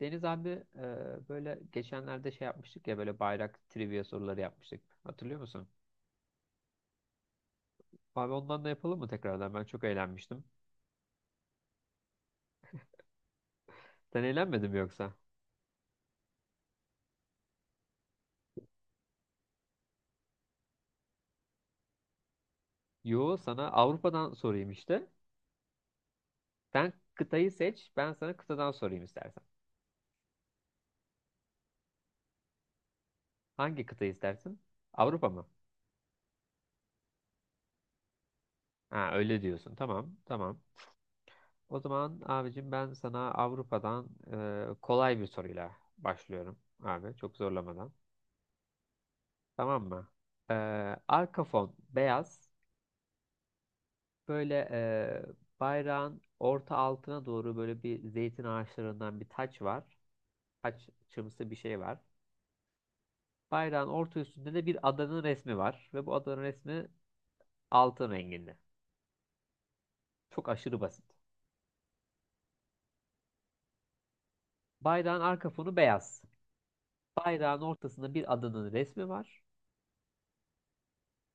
Deniz abi, böyle geçenlerde şey yapmıştık ya, böyle bayrak trivia soruları yapmıştık. Hatırlıyor musun? Abi ondan da yapalım mı tekrardan? Ben çok eğlenmiştim. Sen eğlenmedin mi yoksa? Yo, sana Avrupa'dan sorayım işte. Sen kıtayı seç, ben sana kıtadan sorayım istersen. Hangi kıtayı istersin? Avrupa mı? Ha, öyle diyorsun. Tamam, tamam. O zaman abicim ben sana Avrupa'dan kolay bir soruyla başlıyorum abi, çok zorlamadan. Tamam mı? Ee, arka fon beyaz. Böyle bayrağın orta altına doğru böyle bir zeytin ağaçlarından bir taç var. Taç çımsı bir şey var. Bayrağın orta üstünde de bir adanın resmi var. Ve bu adanın resmi altın renginde. Çok aşırı basit. Bayrağın arka fonu beyaz. Bayrağın ortasında bir adanın resmi var.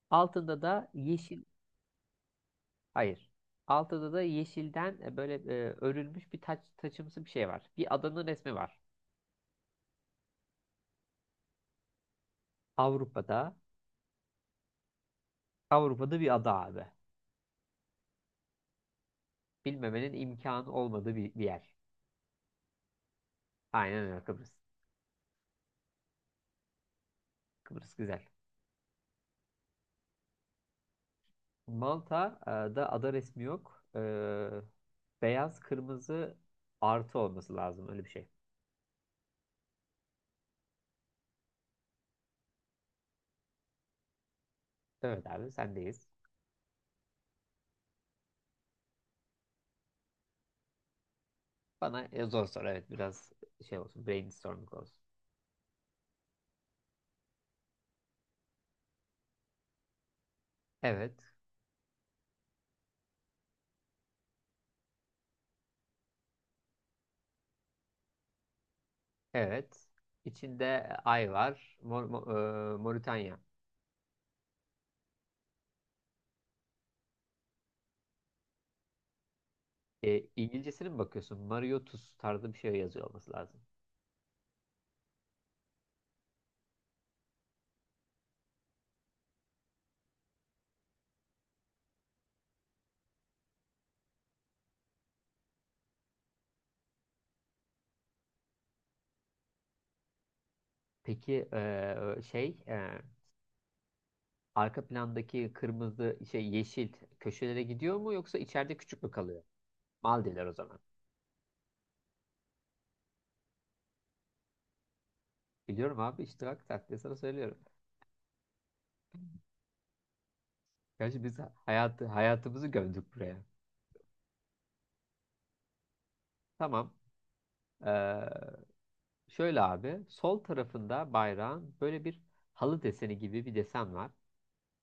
Altında da yeşil, hayır. Altında da yeşilden böyle örülmüş bir taç, taçımsı bir şey var. Bir adanın resmi var. Avrupa'da, Avrupa'da bir ada abi, bilmemenin imkanı olmadığı bir yer. Aynen öyle, Kıbrıs. Kıbrıs güzel. Malta'da ada resmi yok. Beyaz kırmızı artı olması lazım öyle bir şey. Evet abi, sendeyiz. Bana zor soru, evet, biraz şey olsun, brainstorming olsun. Evet, evet. İçinde ay var. Mor, Moritanya. E, İngilizcesine mi bakıyorsun? Mario Tus tarzı bir şey yazıyor olması lazım. Peki arka plandaki kırmızı şey yeşil köşelere gidiyor mu, yoksa içeride küçük mü kalıyor? Maldivler o zaman. Biliyorum abi işte, bak, taktiği sana söylüyorum. Gerçi biz hayatımızı gömdük buraya. Tamam. Ee, şöyle abi, sol tarafında bayrağın böyle bir halı deseni gibi bir desen var.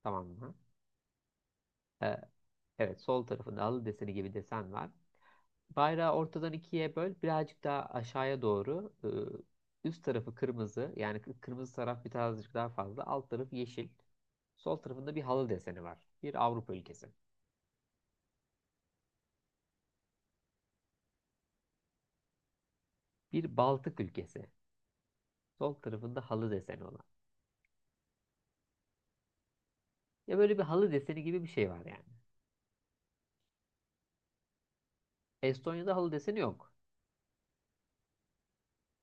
Tamam mı? Ee, evet, sol tarafında halı deseni gibi desen var. Bayrağı ortadan ikiye böl, birazcık daha aşağıya doğru. Üst tarafı kırmızı, yani kırmızı taraf birazcık daha fazla. Alt tarafı yeşil. Sol tarafında bir halı deseni var. Bir Avrupa ülkesi. Bir Baltık ülkesi. Sol tarafında halı deseni olan. Ya böyle bir halı deseni gibi bir şey var yani. Estonya'da halı deseni yok.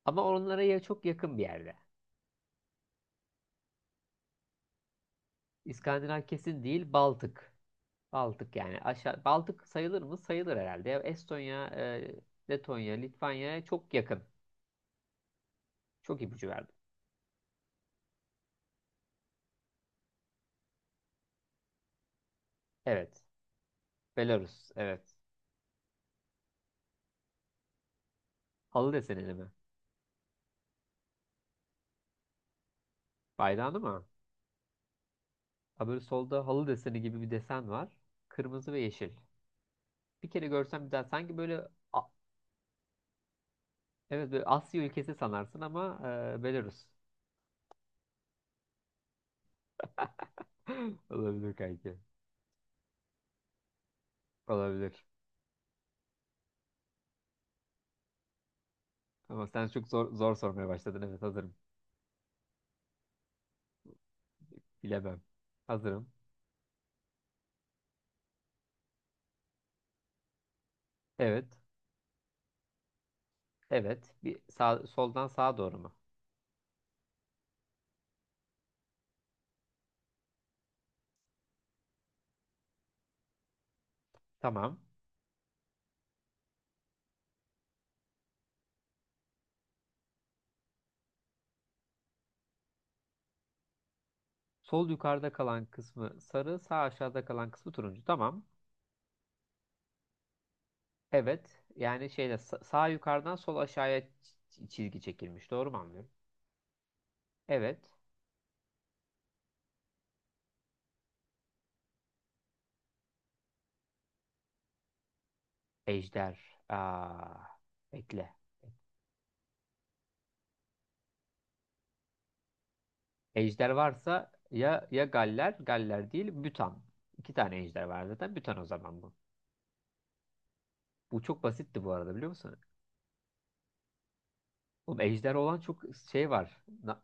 Ama onlara ya çok yakın bir yerde. İskandinav kesin değil, Baltık. Baltık, yani aşağı Baltık sayılır mı? Sayılır herhalde. Ya Estonya, Letonya, Litvanya'ya çok yakın. Çok ipucu verdim. Evet. Belarus. Evet. Halı desenili mi? Bayrağını mı? Ha, böyle solda halı deseni gibi bir desen var. Kırmızı ve yeşil. Bir kere görsem bir daha sanki böyle. A- evet, böyle Asya ülkesi sanarsın ama Belarus. Olabilir kanki. Olabilir. Ama sen çok zor sormaya başladın. Evet, hazırım. Bilemem. Hazırım. Evet. Evet. Bir sağ, soldan sağa doğru mu? Tamam. Sol yukarıda kalan kısmı sarı, sağ aşağıda kalan kısmı turuncu. Tamam. Evet. Yani şeyde sağ yukarıdan sol aşağıya çizgi çekilmiş. Doğru mu anlıyorum? Evet. Ejder. Aa, bekle. Ejder varsa ya ya Galler, Galler değil, Bütan. İki tane ejder var zaten. Bütan o zaman bu. Bu çok basitti bu arada, biliyor musun? Oğlum ejder olan çok şey var. Na-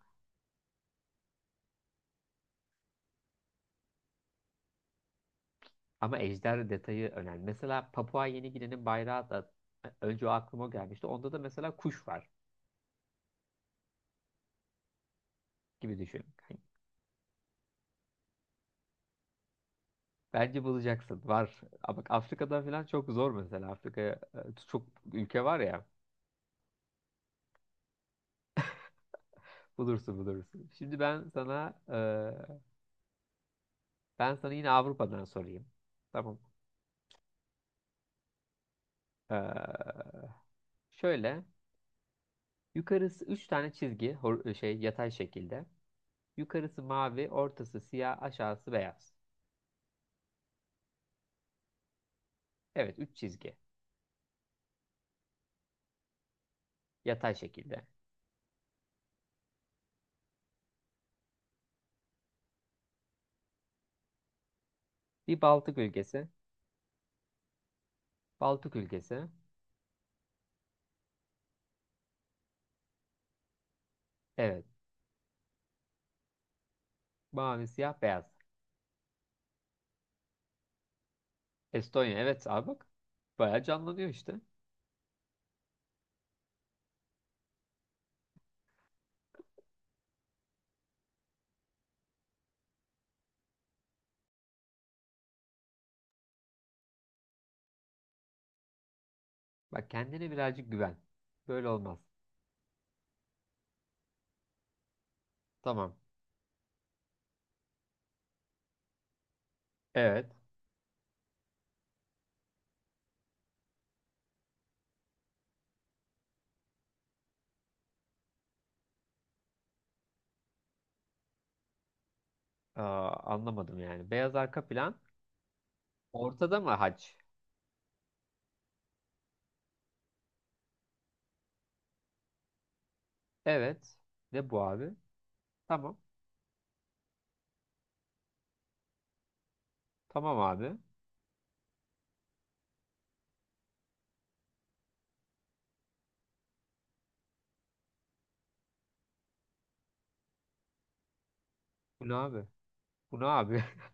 Ama ejder detayı önemli. Mesela Papua Yeni Gine'nin bayrağı da önce o aklıma gelmişti. Onda da mesela kuş var gibi düşün. Hani bence bulacaksın. Var. Ama bak, Afrika'dan falan çok zor mesela. Afrika'ya çok ülke var ya. Bulursun, bulursun. Şimdi ben sana ben sana yine Avrupa'dan sorayım. Tamam. E, şöyle yukarısı 3 tane çizgi, şey, yatay şekilde. Yukarısı mavi, ortası siyah, aşağısı beyaz. Evet, 3 çizgi yatay şekilde. Bir Baltık ülkesi. Baltık ülkesi. Evet. Mavi, siyah, beyaz. Estonya. Evet abi, bak. Bayağı canlanıyor işte. Bak, kendine birazcık güven. Böyle olmaz. Tamam. Evet. Aa, anlamadım yani. Beyaz arka plan. Ortada mı haç? Evet. Ne bu abi? Tamam. Tamam abi. Bu ne abi? Bu ne abi?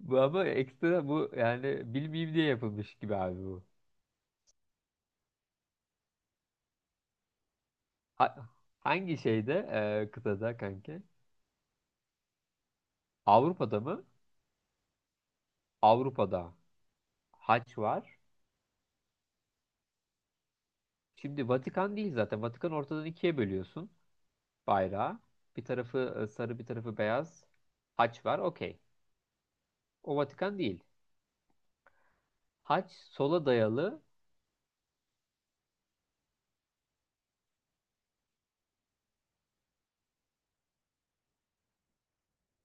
Bu ama ekstra bu, yani bilmeyeyim diye yapılmış gibi abi bu. Ha- Hangi şeyde, kıtada kanki? Avrupa'da mı? Avrupa'da haç var. Şimdi Vatikan değil zaten. Vatikan ortadan ikiye bölüyorsun bayrağı. Bir tarafı sarı, bir tarafı beyaz. Haç var, okey. O Vatikan değil. Haç sola dayalı,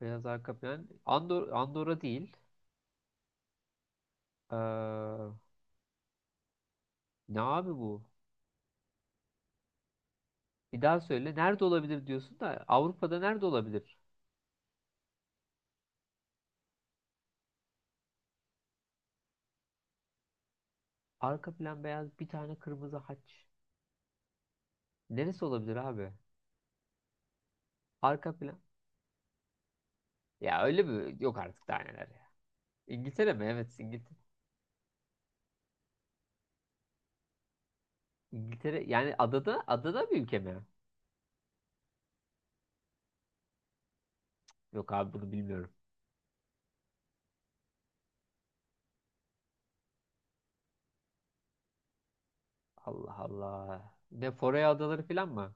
beyaz arka plan. Andorra değil. Ee, ne abi bu? Bir daha söyle. Nerede olabilir diyorsun da Avrupa'da nerede olabilir? Arka plan beyaz, bir tane kırmızı haç. Neresi olabilir abi? Arka plan. Ya öyle mi? Yok artık, daha neler ya. İngiltere mi? Evet, İngiltere. İngiltere yani adada bir ülke mi? Yok abi, bunu bilmiyorum. Allah Allah. Ne, Foray Adaları falan mı?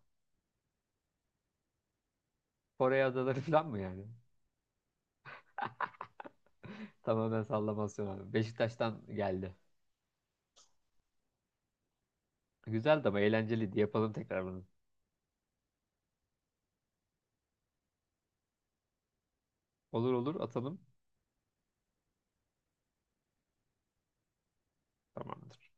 Foray Adaları falan mı yani? Tamamen sallamasyon abi. Beşiktaş'tan geldi. Güzeldi, ama eğlenceliydi. Yapalım tekrar bunu. Olur olur, atalım. Tamamdır.